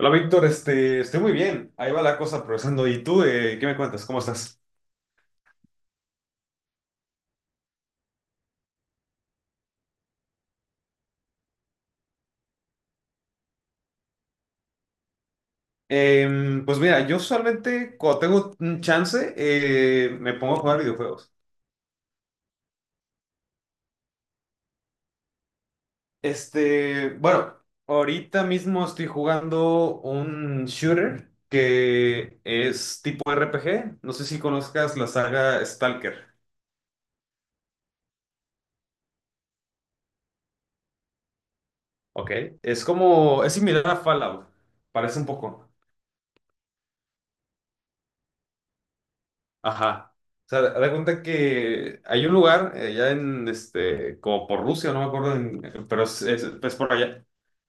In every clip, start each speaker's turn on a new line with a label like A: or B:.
A: Hola Víctor, estoy muy bien. Ahí va la cosa progresando. ¿Y tú, qué me cuentas? ¿Cómo estás? Pues mira, yo usualmente cuando tengo un chance me pongo a jugar videojuegos. Bueno, ahorita mismo estoy jugando un shooter que es tipo RPG. No sé si conozcas la saga Stalker. Ok. Es como, es similar a Fallout, parece un poco. Ajá. O sea, da cuenta que hay un lugar allá en, como por Rusia, no me acuerdo, pero es por allá,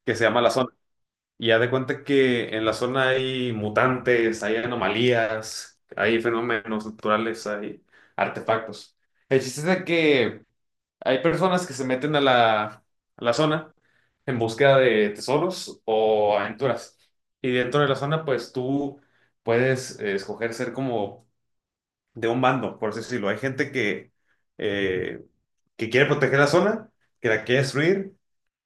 A: que se llama la zona. Y ya de cuenta que en la zona hay mutantes, hay anomalías, hay fenómenos naturales, hay artefactos. El chiste es de que hay personas que se meten a la zona en búsqueda de tesoros o aventuras. Y dentro de la zona, pues tú puedes escoger ser como de un bando, por así decirlo. Hay gente eh, que quiere proteger la zona, que la quiere destruir,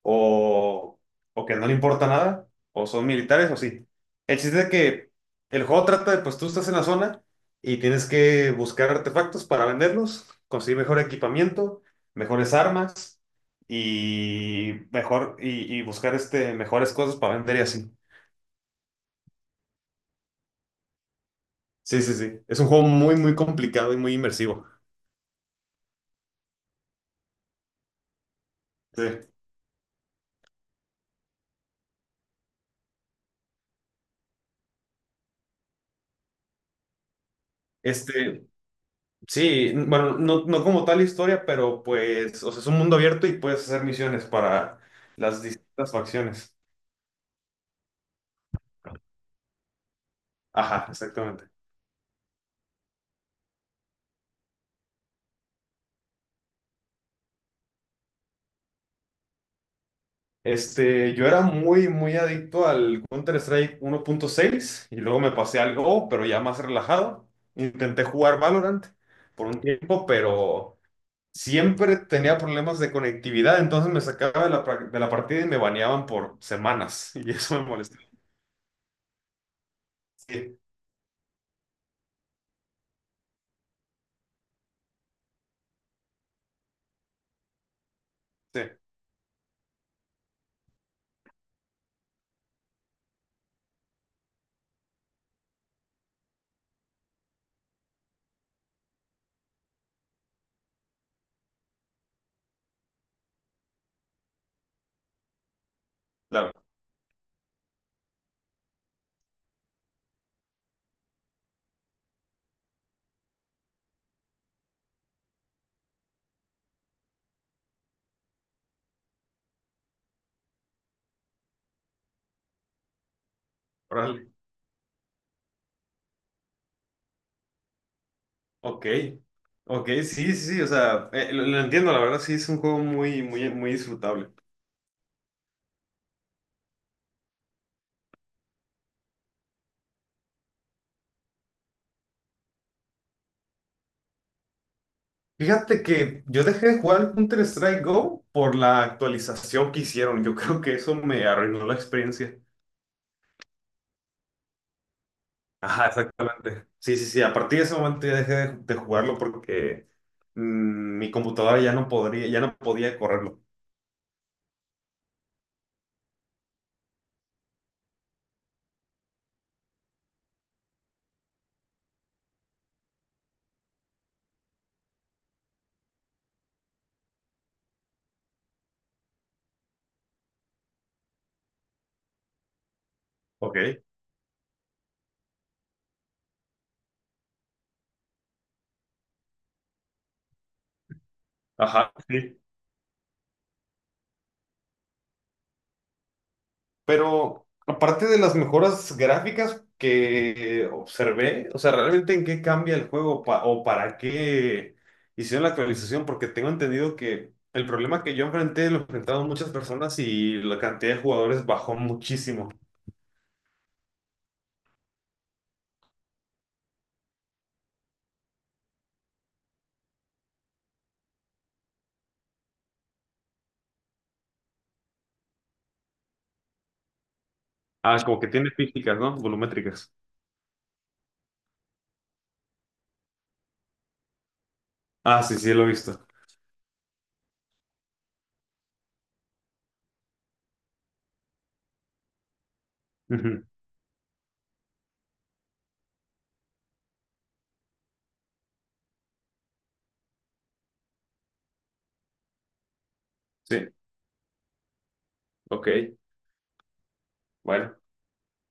A: o, o que no le importa nada, o son militares, o sí. El chiste es que el juego trata de, pues tú estás en la zona y tienes que buscar artefactos para venderlos, conseguir mejor equipamiento, mejores armas y buscar este mejores cosas para vender y así. Sí, sí, sí. Es un juego muy, muy complicado y muy inmersivo. Sí. Este, sí, bueno, no, no como tal historia, pero pues, o sea, es un mundo abierto y puedes hacer misiones para las distintas facciones. Ajá, exactamente. Yo era muy, muy adicto al Counter-Strike uno punto seis y luego me pasé al Go, pero ya más relajado. Intenté jugar Valorant por un tiempo, pero siempre tenía problemas de conectividad, entonces me sacaba de la partida y me baneaban por semanas y eso me molestaba. Sí, sí, claro. Ok, ok, sí, sí, sí, o sea, lo entiendo, la verdad, sí, es un juego muy, muy, muy disfrutable. Fíjate que yo dejé de jugar Counter-Strike Go por la actualización que hicieron, yo creo que eso me arruinó la experiencia. Ajá, exactamente. Sí, sí, sí, a partir de ese momento ya dejé de jugarlo porque mi computadora ya no podría, ya no podía correrlo. Ok, ajá, sí. Pero aparte de las mejoras gráficas que observé, o sea, ¿realmente en qué cambia el juego o para qué hicieron la actualización? Porque tengo entendido que el problema que yo enfrenté lo enfrentaron muchas personas y la cantidad de jugadores bajó muchísimo. Ah, como que tiene físicas, ¿no? Volumétricas. Ah, sí, sí, lo he visto. Ujú. Sí, ok. Bueno.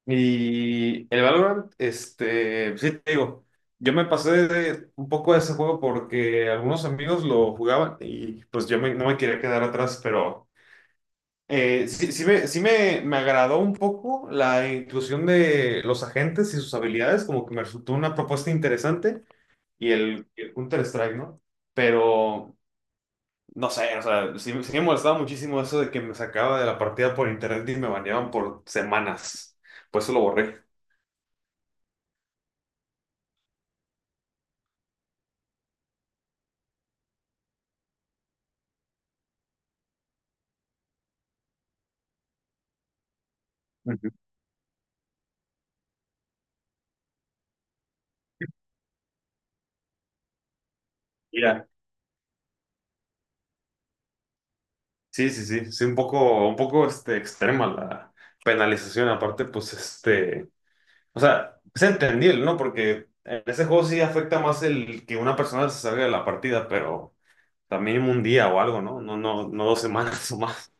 A: Y el Valorant, pues, sí te digo, yo un poco de ese juego porque algunos amigos lo jugaban y pues yo no me quería quedar atrás, pero sí me agradó un poco la inclusión de los agentes y sus habilidades, como que me resultó una propuesta interesante y el Counter-Strike, ¿no? Pero no sé, o sea, sí me molestaba muchísimo eso de que me sacaba de la partida por internet y me baneaban por semanas, pues eso lo borré. Ujú. Ya. Sí, sí, sí, sí, un poco extrema la penalización, aparte, pues, o sea, es entendible, ¿no? Porque en ese juego sí afecta más el que una persona se salga de la partida, pero también un día o algo, ¿no? No, no, no dos semanas o más.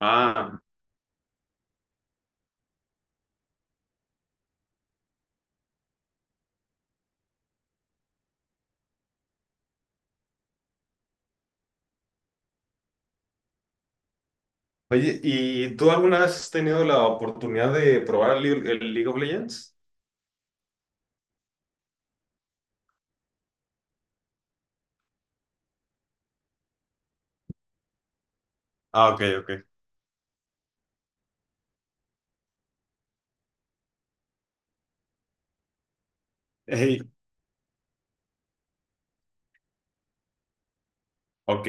A: Ah, oye, ¿y tú alguna vez has tenido la oportunidad de probar el League of Legends? Ah, ok, ok. Ey, ok.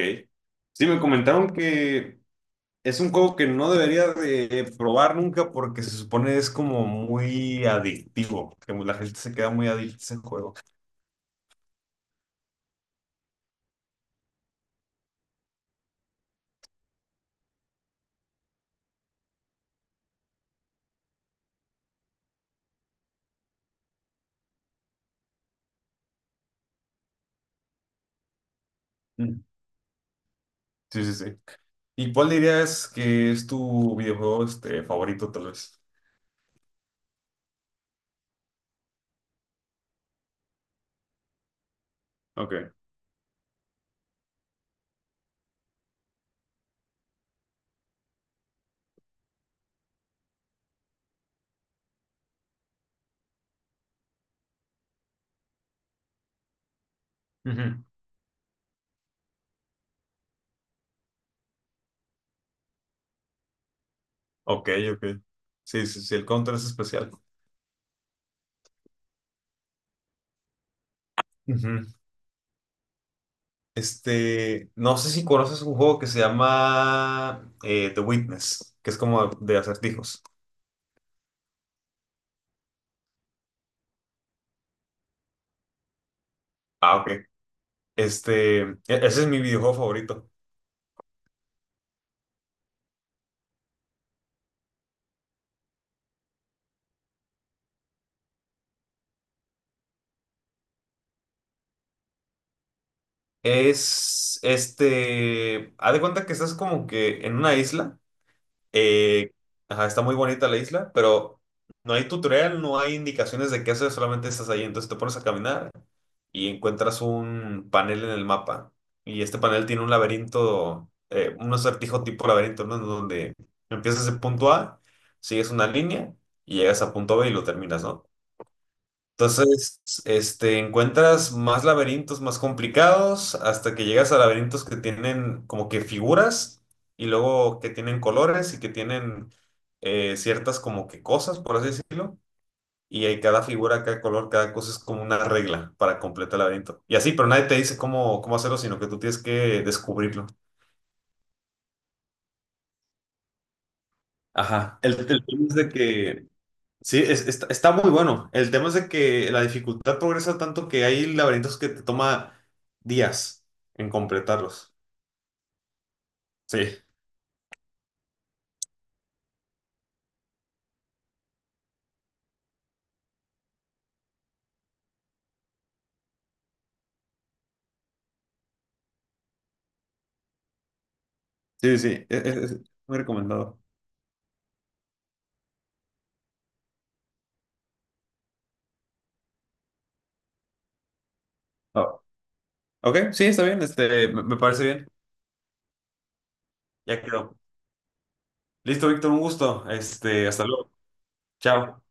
A: Sí, me comentaron que es un juego que no debería de probar nunca porque se supone es como muy adictivo, que la gente se queda muy adicta a ese juego. Mm. Sí, sí, sí. ¿Y cuál dirías que es tu videojuego favorito, tal vez? Ok. Ujú. Ok, ok. Sí, sí, sí, el Counter es especial. Ujú. No sé si conoces un juego que se llama The Witness, que es como de acertijos. Ah, ok. Ese es mi videojuego favorito. Es haz de cuenta que estás como que en una isla, eh, ajá, está muy bonita la isla, pero no hay tutorial, no hay indicaciones de qué hacer, solamente estás ahí, entonces te pones a caminar y encuentras un panel en el mapa y este panel tiene un laberinto, un acertijo tipo laberinto, ¿no? Donde empiezas en punto A, sigues una línea y llegas a punto B y lo terminas, ¿no? Entonces, encuentras más laberintos más complicados hasta que llegas a laberintos que tienen como que figuras y luego que tienen colores y que tienen ciertas como que cosas, por así decirlo. Y hay cada figura, cada color, cada cosa es como una regla para completar el laberinto. Y así, pero nadie te dice cómo, cómo hacerlo, sino que tú tienes que descubrirlo. Ajá. El tema es de que sí, está, está muy bueno. El tema es de que la dificultad progresa tanto que hay laberintos que te toma días en completarlos. Sí, sí, sí, es muy recomendado. Ah, ok, sí, está bien, me parece bien. Ya quedó. Listo, Víctor, un gusto. Hasta luego. Chao.